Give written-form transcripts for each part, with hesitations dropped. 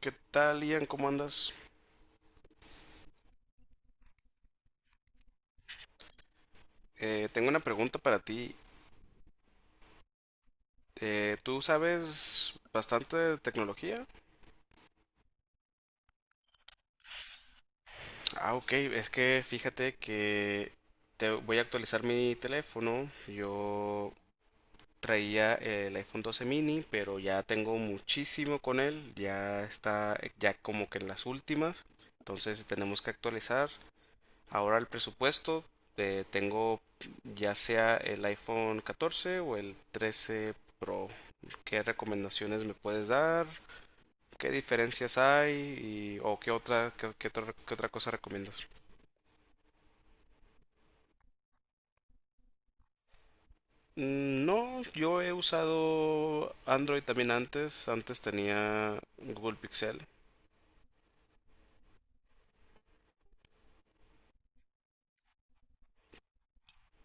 ¿Qué tal, Ian? ¿Cómo andas? Tengo una pregunta para ti. ¿Tú sabes bastante de tecnología? Ah, ok. Es que fíjate que te voy a actualizar mi teléfono. Yo traía el iPhone 12 mini, pero ya tengo muchísimo con él. Ya está, ya como que en las últimas. Entonces tenemos que actualizar. Ahora el presupuesto. Tengo ya sea el iPhone 14 o el 13 Pro. ¿Qué recomendaciones me puedes dar? ¿Qué diferencias hay y, o qué otra cosa recomiendas? Mm, no, yo he usado Android también antes tenía Google Pixel,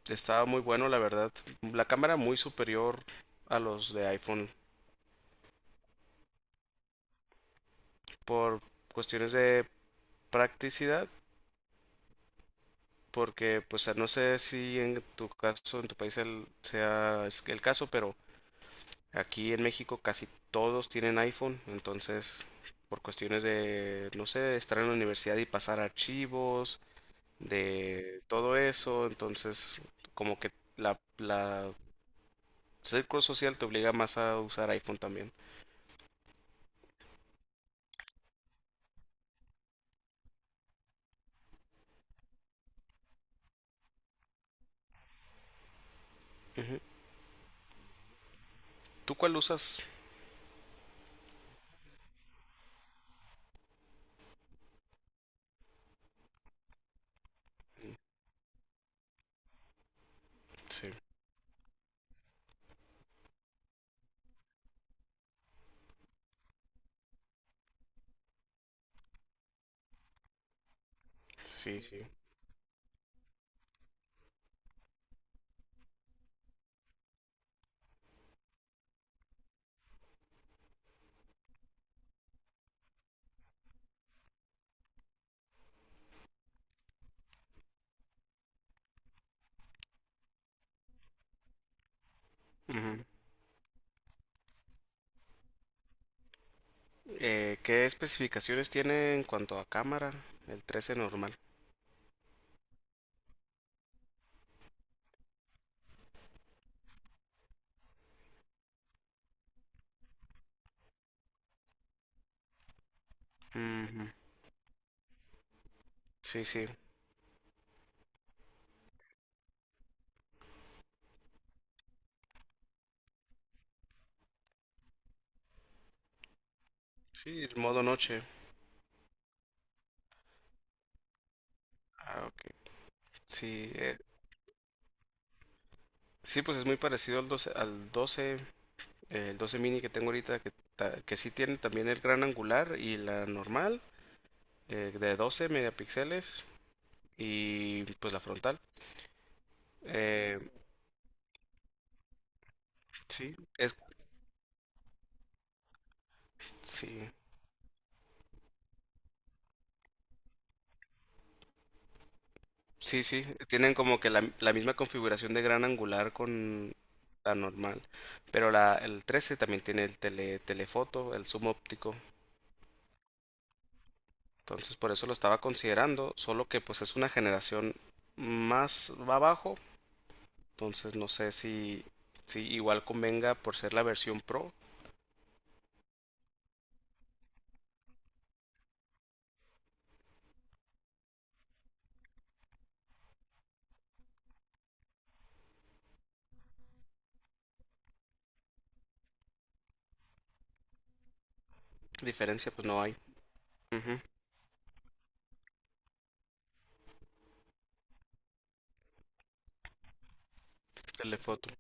estaba muy bueno la verdad, la cámara muy superior a los de iPhone, por cuestiones de practicidad. Porque, pues, no sé si en tu caso, en tu país sea es el caso, pero aquí en México casi todos tienen iPhone, entonces por cuestiones de, no sé, de estar en la universidad y pasar archivos, de todo eso. Entonces como que la círculo social te obliga más a usar iPhone también. Ujú. ¿Tú cuál usas? Sí, sí, sí. Ujú. ¿Qué especificaciones tiene en cuanto a cámara? El 13 normal. Ujú. Sí, sí. Sí, el modo noche. Ah, ok. Sí, sí, pues es muy parecido al doce, el 12 mini que tengo ahorita, que sí tiene también el gran angular y la normal, de 12 megapíxeles y pues la frontal. Eh, sí, es, sí, sí, sí, tienen como que la misma configuración de gran angular con la normal, pero el 13 también tiene telefoto, el zoom óptico. Entonces por eso lo estaba considerando, solo que pues es una generación más abajo. Entonces no sé si igual convenga por ser la versión Pro. Diferencia pues no hay. Ujú. Telefoto.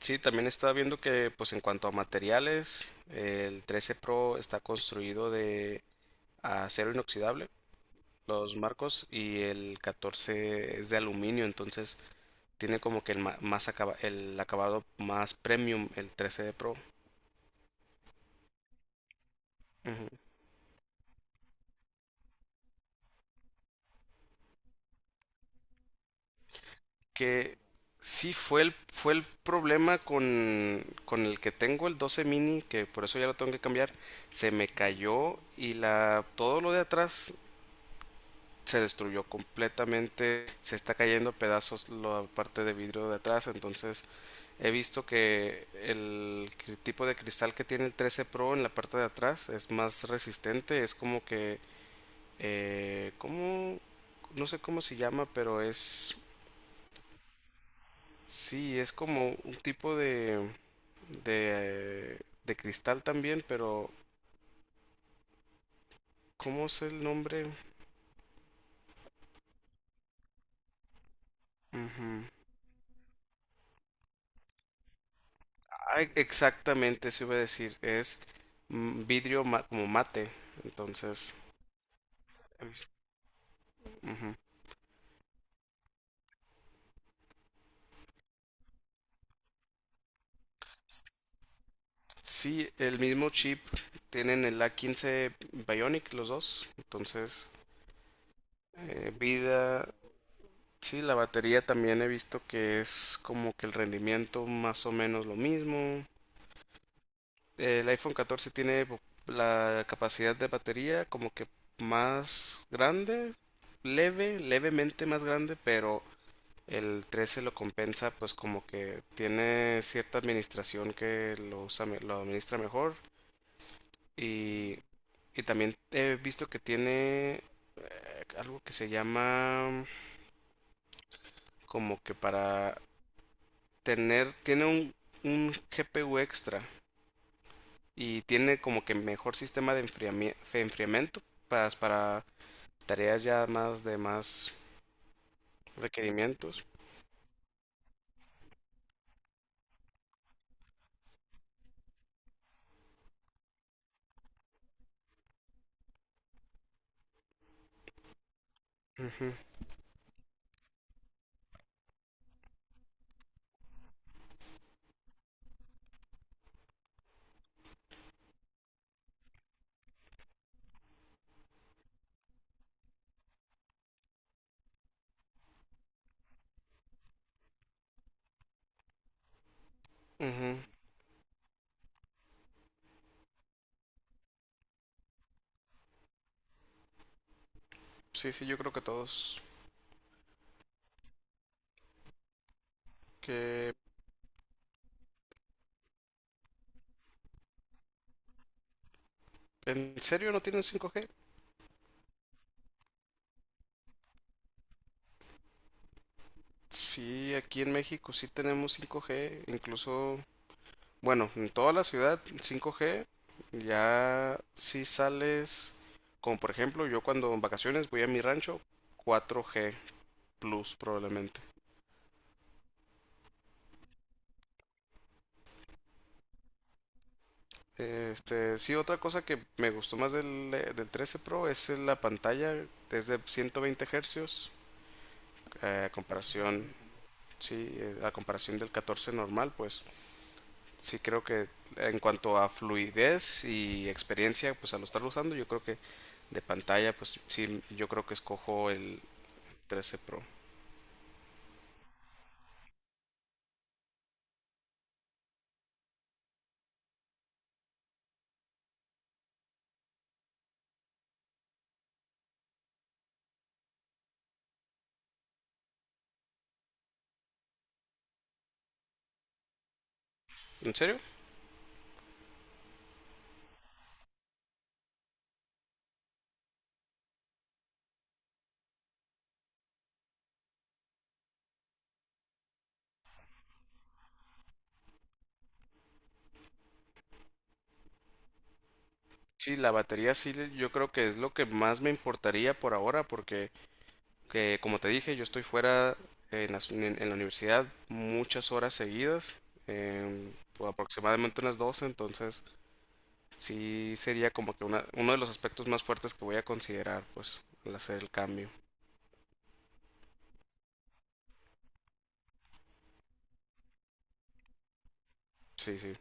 Sí, también estaba viendo que pues en cuanto a materiales, el 13 Pro está construido de acero inoxidable, los marcos, y el 14 es de aluminio. Entonces tiene como que el acabado más premium, el 13 de Pro. Ujú. Que sí fue el problema con el que tengo, el 12 mini, que por eso ya lo tengo que cambiar. Se me cayó y todo lo de atrás se destruyó completamente, se está cayendo a pedazos la parte de vidrio de atrás. Entonces he visto que el tipo de cristal que tiene el 13 Pro en la parte de atrás es más resistente, es como que, ¿cómo? No sé cómo se llama, pero es. Sí, es como un tipo de, de cristal también, pero ¿cómo es el nombre? Ujú. Ah, exactamente, se iba a decir. Es, vidrio como mate. Entonces, es- ujú. Sí, el mismo chip. Tienen el A15 Bionic los dos. Entonces, vida. Sí, la batería también he visto que es como que el rendimiento más o menos lo mismo. El iPhone 14 tiene la capacidad de batería como que más grande, levemente más grande, pero el 13 lo compensa, pues como que tiene cierta administración que lo usa, lo administra mejor. Y, y también he visto que tiene algo que se llama como que para tener, tiene un GPU extra, y tiene como que mejor sistema de enfriamiento para tareas ya más de más requerimientos. Ujú, ujú. Sí, sí, yo creo que todos. ¿Que en serio no tienen 5G? Sí, aquí en México sí tenemos 5G, incluso, bueno, en toda la ciudad 5G. Ya si sales, como por ejemplo, yo cuando en vacaciones voy a mi rancho, 4G Plus probablemente. Este, sí, otra cosa que me gustó más del 13 Pro es la pantalla, es de 120 Hz comparación, sí, a comparación del 14 normal. Pues sí creo que en cuanto a fluidez y experiencia, pues al estarlo usando, yo creo que de pantalla, pues sí, yo creo que escojo el 13 Pro. ¿En serio? Sí, la batería sí, yo creo que es lo que más me importaría por ahora, porque, como te dije, yo estoy fuera en la universidad muchas horas seguidas, eh, pues, aproximadamente unas 12. Entonces sí sería como que uno de los aspectos más fuertes que voy a considerar, pues, al hacer el cambio. Sí, sí.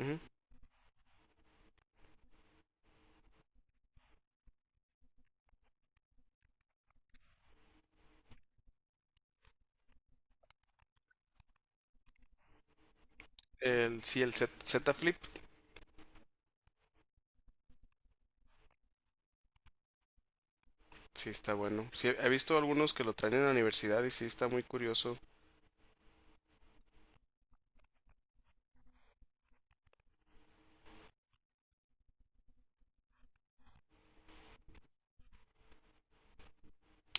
Ujú. El, sí, el Z Flip, sí está bueno. Sí, he visto algunos que lo traen en la universidad y sí está muy curioso.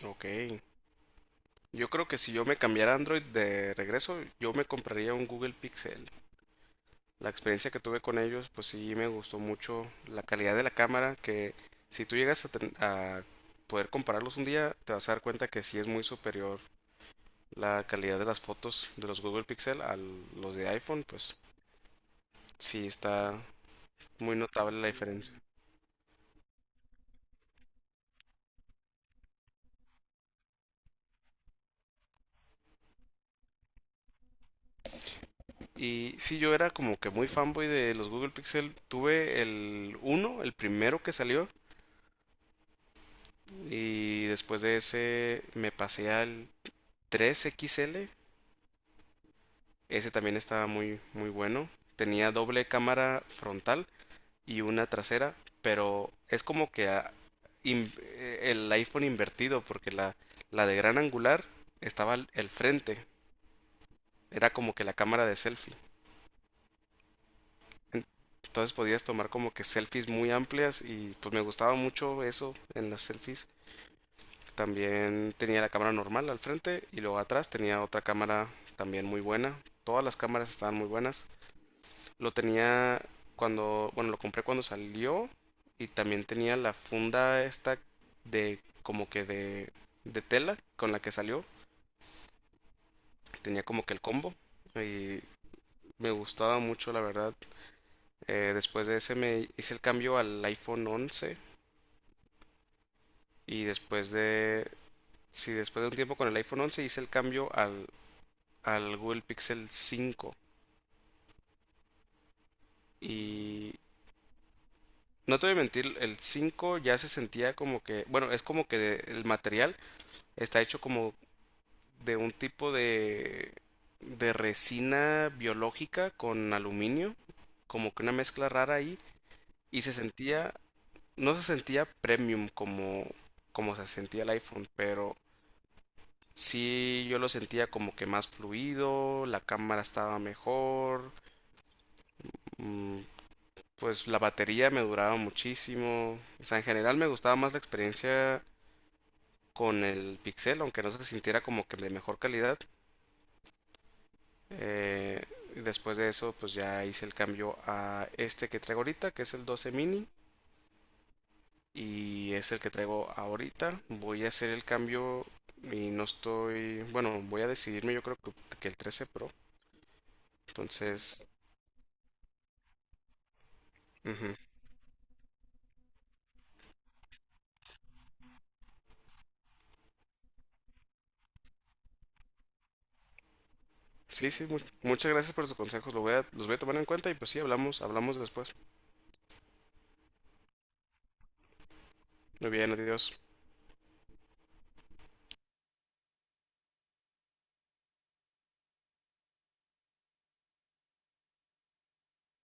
Ok. Yo creo que si yo me cambiara a Android de regreso, yo me compraría un Google Pixel. La experiencia que tuve con ellos, pues sí me gustó mucho la calidad de la cámara, que si tú llegas a poder compararlos un día, te vas a dar cuenta que sí es muy superior la calidad de las fotos de los Google Pixel a los de iPhone, pues sí está muy notable la diferencia. Y sí, yo era como que muy fanboy de los Google Pixel. Tuve el 1, el primero que salió, y después de ese me pasé al 3 XL. Ese también estaba muy, muy bueno. Tenía doble cámara frontal y una trasera, pero es como que el iPhone invertido, porque la de gran angular estaba el frente, era como que la cámara de selfie. En- Entonces podías tomar como que selfies muy amplias y pues me gustaba mucho eso en las selfies. También tenía la cámara normal al frente y luego atrás tenía otra cámara también muy buena. Todas las cámaras estaban muy buenas. Lo tenía cuando, bueno, lo compré cuando salió, y también tenía la funda esta de como que de tela con la que salió. Tenía como que el combo y me gustaba mucho, la verdad. Después de ese me hice el cambio al iPhone 11, y sí, después de un tiempo con el iPhone 11 hice el cambio al Google Pixel 5, y no te voy a mentir, el 5 ya se sentía como que, bueno, es como que el material está hecho como de un tipo de resina biológica con aluminio, como que una mezcla rara ahí, y no se sentía premium como se sentía el iPhone, pero sí yo lo sentía como que más fluido, la cámara estaba mejor, mm, pues la batería me duraba muchísimo. O sea, en general me gustaba más la experiencia con el Pixel, aunque no se sintiera como que de mejor calidad. Eh, Después de eso, pues ya hice el cambio a este que traigo ahorita, que es el 12 mini. Y es el que traigo ahorita. Voy a hacer el cambio, y no estoy. Bueno, voy a decidirme yo creo que, el 13 Pro. Entonces. Ujú. Sí, sí, muchas gracias por tus consejos. Los voy a tomar en cuenta y pues sí, hablamos, hablamos después. Muy bien, adiós.